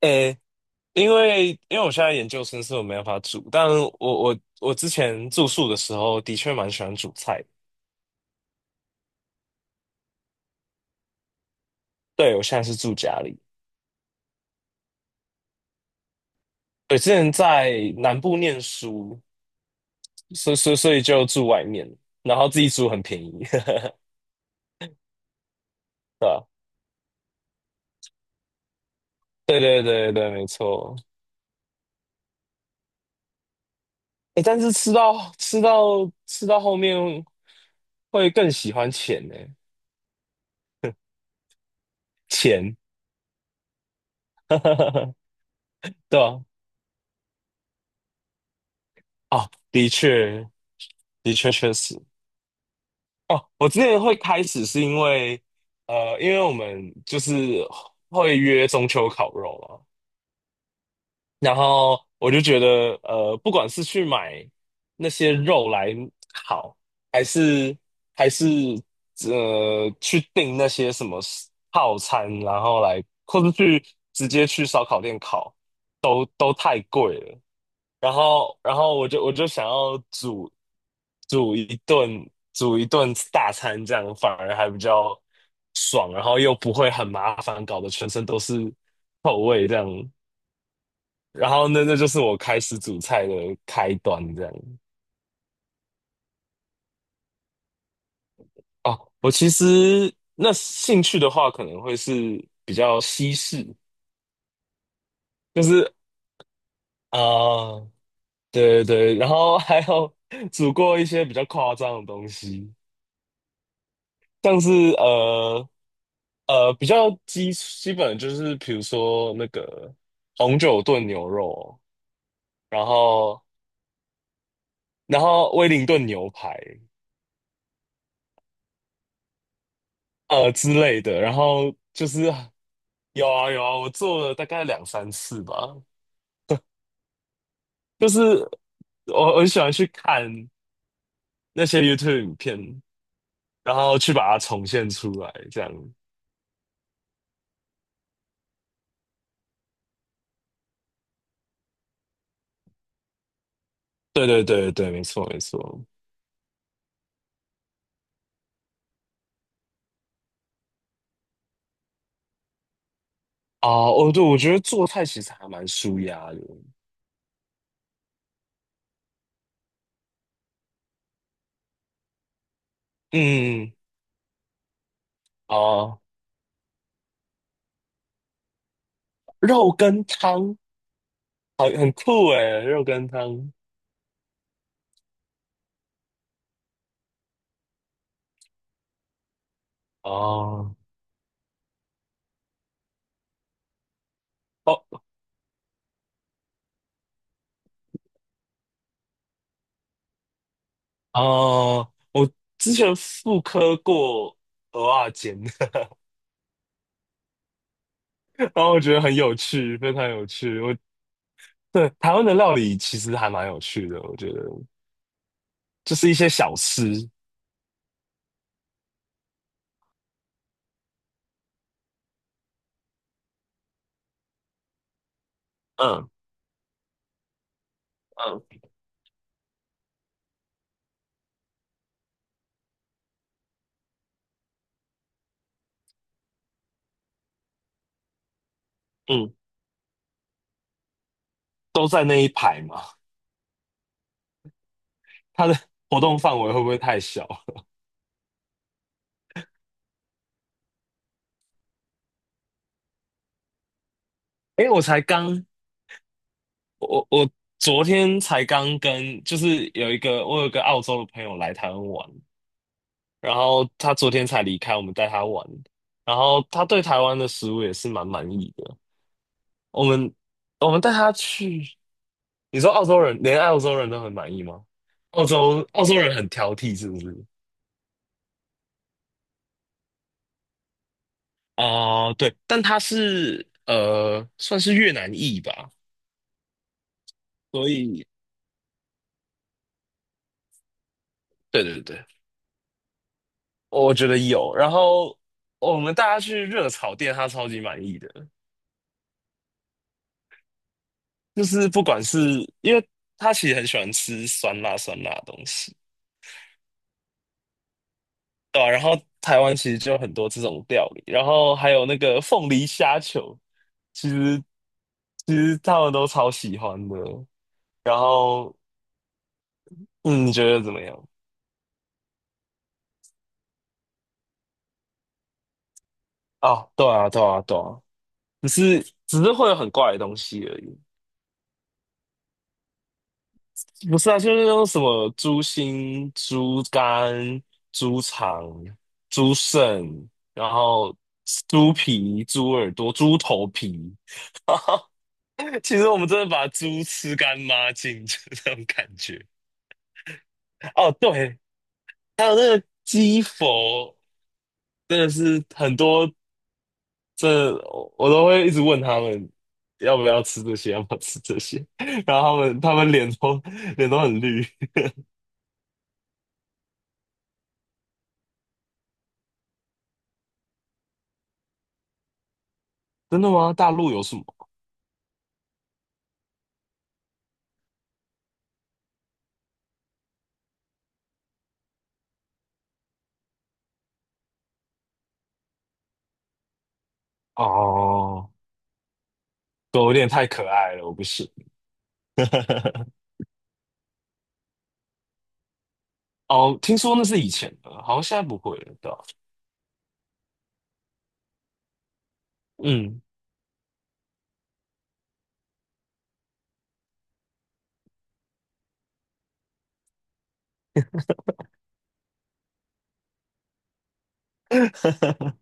诶，因为我现在研究生，所以我没办法煮。但我之前住宿的时候，的确蛮喜欢煮菜的。对，我现在是住家里。对，之前在南部念书，所以就住外面，然后自己煮很便宜。对吧？对对对对，没错。诶，但是吃到后面会更喜欢钱呢，钱。对吧？哦，的确，的确确实。哦，我之前会开始是因为，因为我们就是会约中秋烤肉嘛。然后我就觉得，不管是去买那些肉来烤，还是还是去订那些什么套餐，然后来，或者去直接去烧烤店烤，都太贵了。然后我就想要煮一顿大餐，这样反而还比较爽，然后又不会很麻烦，搞得全身都是臭味这样。然后那就是我开始煮菜的开端，这样。哦，我其实那兴趣的话，可能会是比较西式，就是啊、对对对，然后还有 煮过一些比较夸张的东西，像是呃比较基本就是比如说那个红酒炖牛肉，然后然后威灵顿牛排，之类的，然后就是有啊有啊，我做了大概两三次吧。就是我很喜欢去看那些 YouTube 影片，然后去把它重现出来，这样。对对对对，没错没错。啊，哦，对，我觉得做菜其实还蛮舒压的。嗯，啊，肉跟汤。好，很酷诶，肉羹汤。哦哦哦，我之前复刻过蚵仔煎。然后我觉得很有趣，非常有趣。我对台湾的料理其实还蛮有趣的，我觉得就是一些小吃。嗯嗯嗯，都在那一排嘛。它的 活动范围会不会太小？诶，我昨天才刚跟，就是有一个我有一个澳洲的朋友来台湾玩，然后他昨天才离开，我们带他玩，然后他对台湾的食物也是蛮满意的。我们我们带他去。你说澳洲人连澳洲人都很满意吗？澳洲人很挑剔是不是？哦、对，但他是算是越南裔吧，所以对对对，我觉得有。然后我们带他去热炒店，他超级满意的。就是不管是，因为他其实很喜欢吃酸辣酸辣的东西。对啊，然后台湾其实就有很多这种料理，然后还有那个凤梨虾球，其实其实他们都超喜欢的。然后，嗯，你觉得怎么样？啊，对啊，对啊，对啊，只是会有很怪的东西而已。不是啊，就是那种什么猪心、猪肝、猪肠、猪肾，然后猪皮、猪耳朵、猪头皮。其实我们真的把猪吃干抹净，就这种感觉。哦，对，还有那个鸡佛，真的是很多，这我都会一直问他们要不要吃这些，要不要吃这些。然后他们脸都很绿。真的吗？大陆有什么？哦，都有点太可爱了，我不行。哦，听说那是以前的，好像现在不会了，对吧？嗯，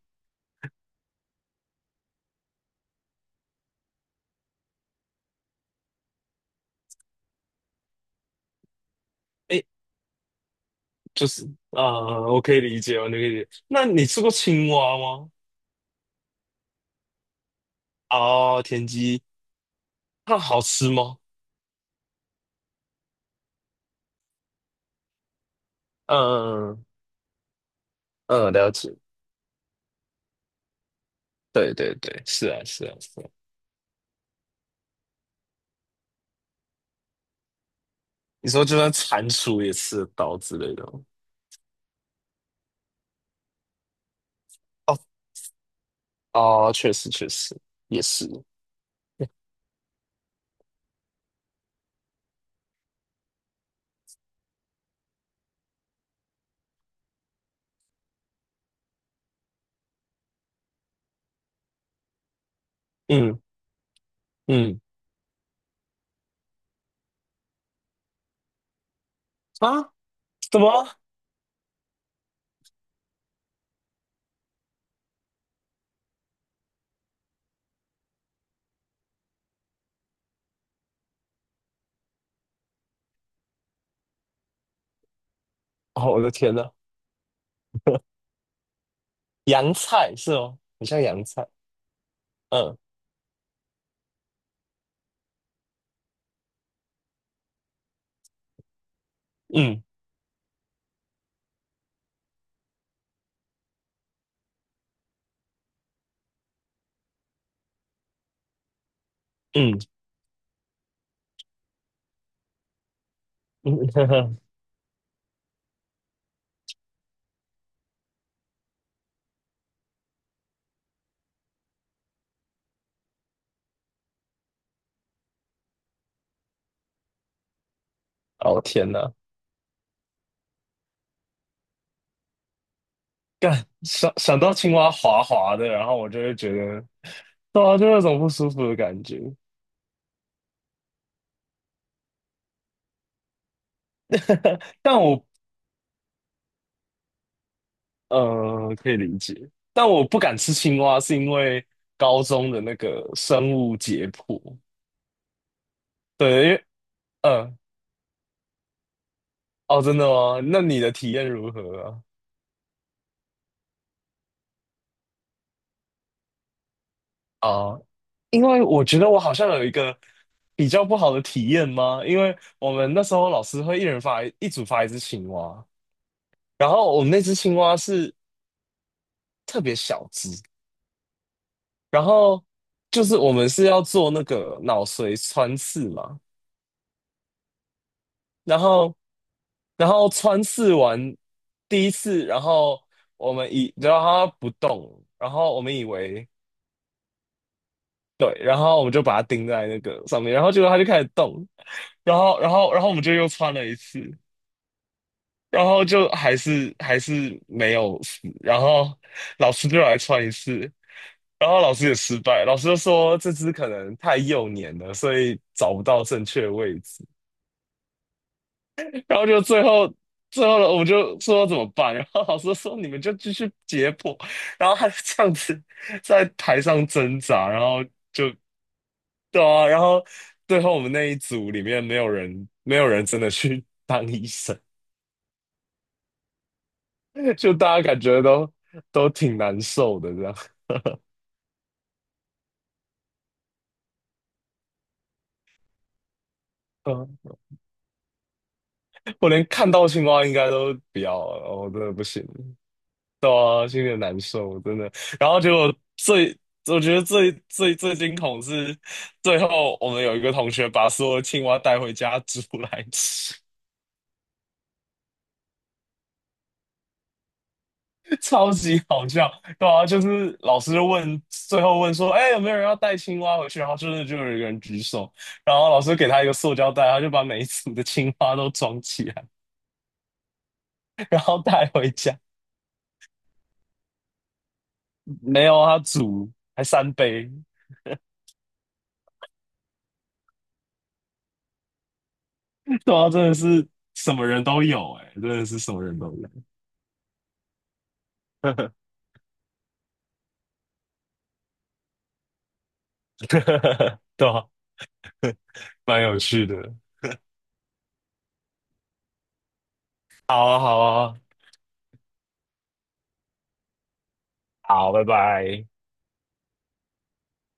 哎，就是啊、我可以理解，我可以理解。那你吃过青蛙吗？哦，田鸡，那好吃吗？嗯嗯，了解，对对对，是啊是啊是啊。你说就算蟾蜍也吃刀之类的吗？哦哦，确实确实也是。嗯嗯，啊，什么？哦，我的天呐。洋菜是哦，很像洋菜。嗯嗯嗯嗯，呵呵。哦，天呐，干，想到青蛙滑滑的，然后我就会觉得，对啊，就有种不舒服的感觉。但我可以理解，但我不敢吃青蛙，是因为高中的那个生物解剖。对，因为嗯，哦，真的吗？那你的体验如何啊？啊，因为我觉得我好像有一个比较不好的体验吗？因为我们那时候老师会一人发一组发一只青蛙，然后我们那只青蛙是特别小只。然后就是我们是要做那个脑髓穿刺嘛。然后然后穿刺完第一次，然后我们以然后它不动，然后我们以为，对，然后我们就把它钉在那个上面，然后结果它就开始动。然后我们就又穿了一次，然后就还是没有死，然后老师就来穿一次。然后老师也失败，老师就说这只可能太幼年了，所以找不到正确位置。然后就最后了，我们就说怎么办？然后老师说你们就继续解剖，然后他就这样子在台上挣扎，然后就，对啊。然后最后我们那一组里面没有人真的去 当医生，就大家感觉都挺难受的这样。嗯，我连看到青蛙应该都不要了，我真的不行。对啊，心里很难受，真的。然后结果，我觉得最惊恐是，最后我们有一个同学把所有的青蛙带回家煮来吃。超级好笑。对啊，就是老师就问，最后问说，哎，有没有人要带青蛙回去？然后真的就有一个人举手，然后老师给他一个塑胶袋，他就把每一组的青蛙都装起来，然后带回家。没有，他煮还三杯。对啊，真的是什么人都有、哎，真的是什么人都有。对啊，蛮有趣的。好啊，好啊，好，拜拜。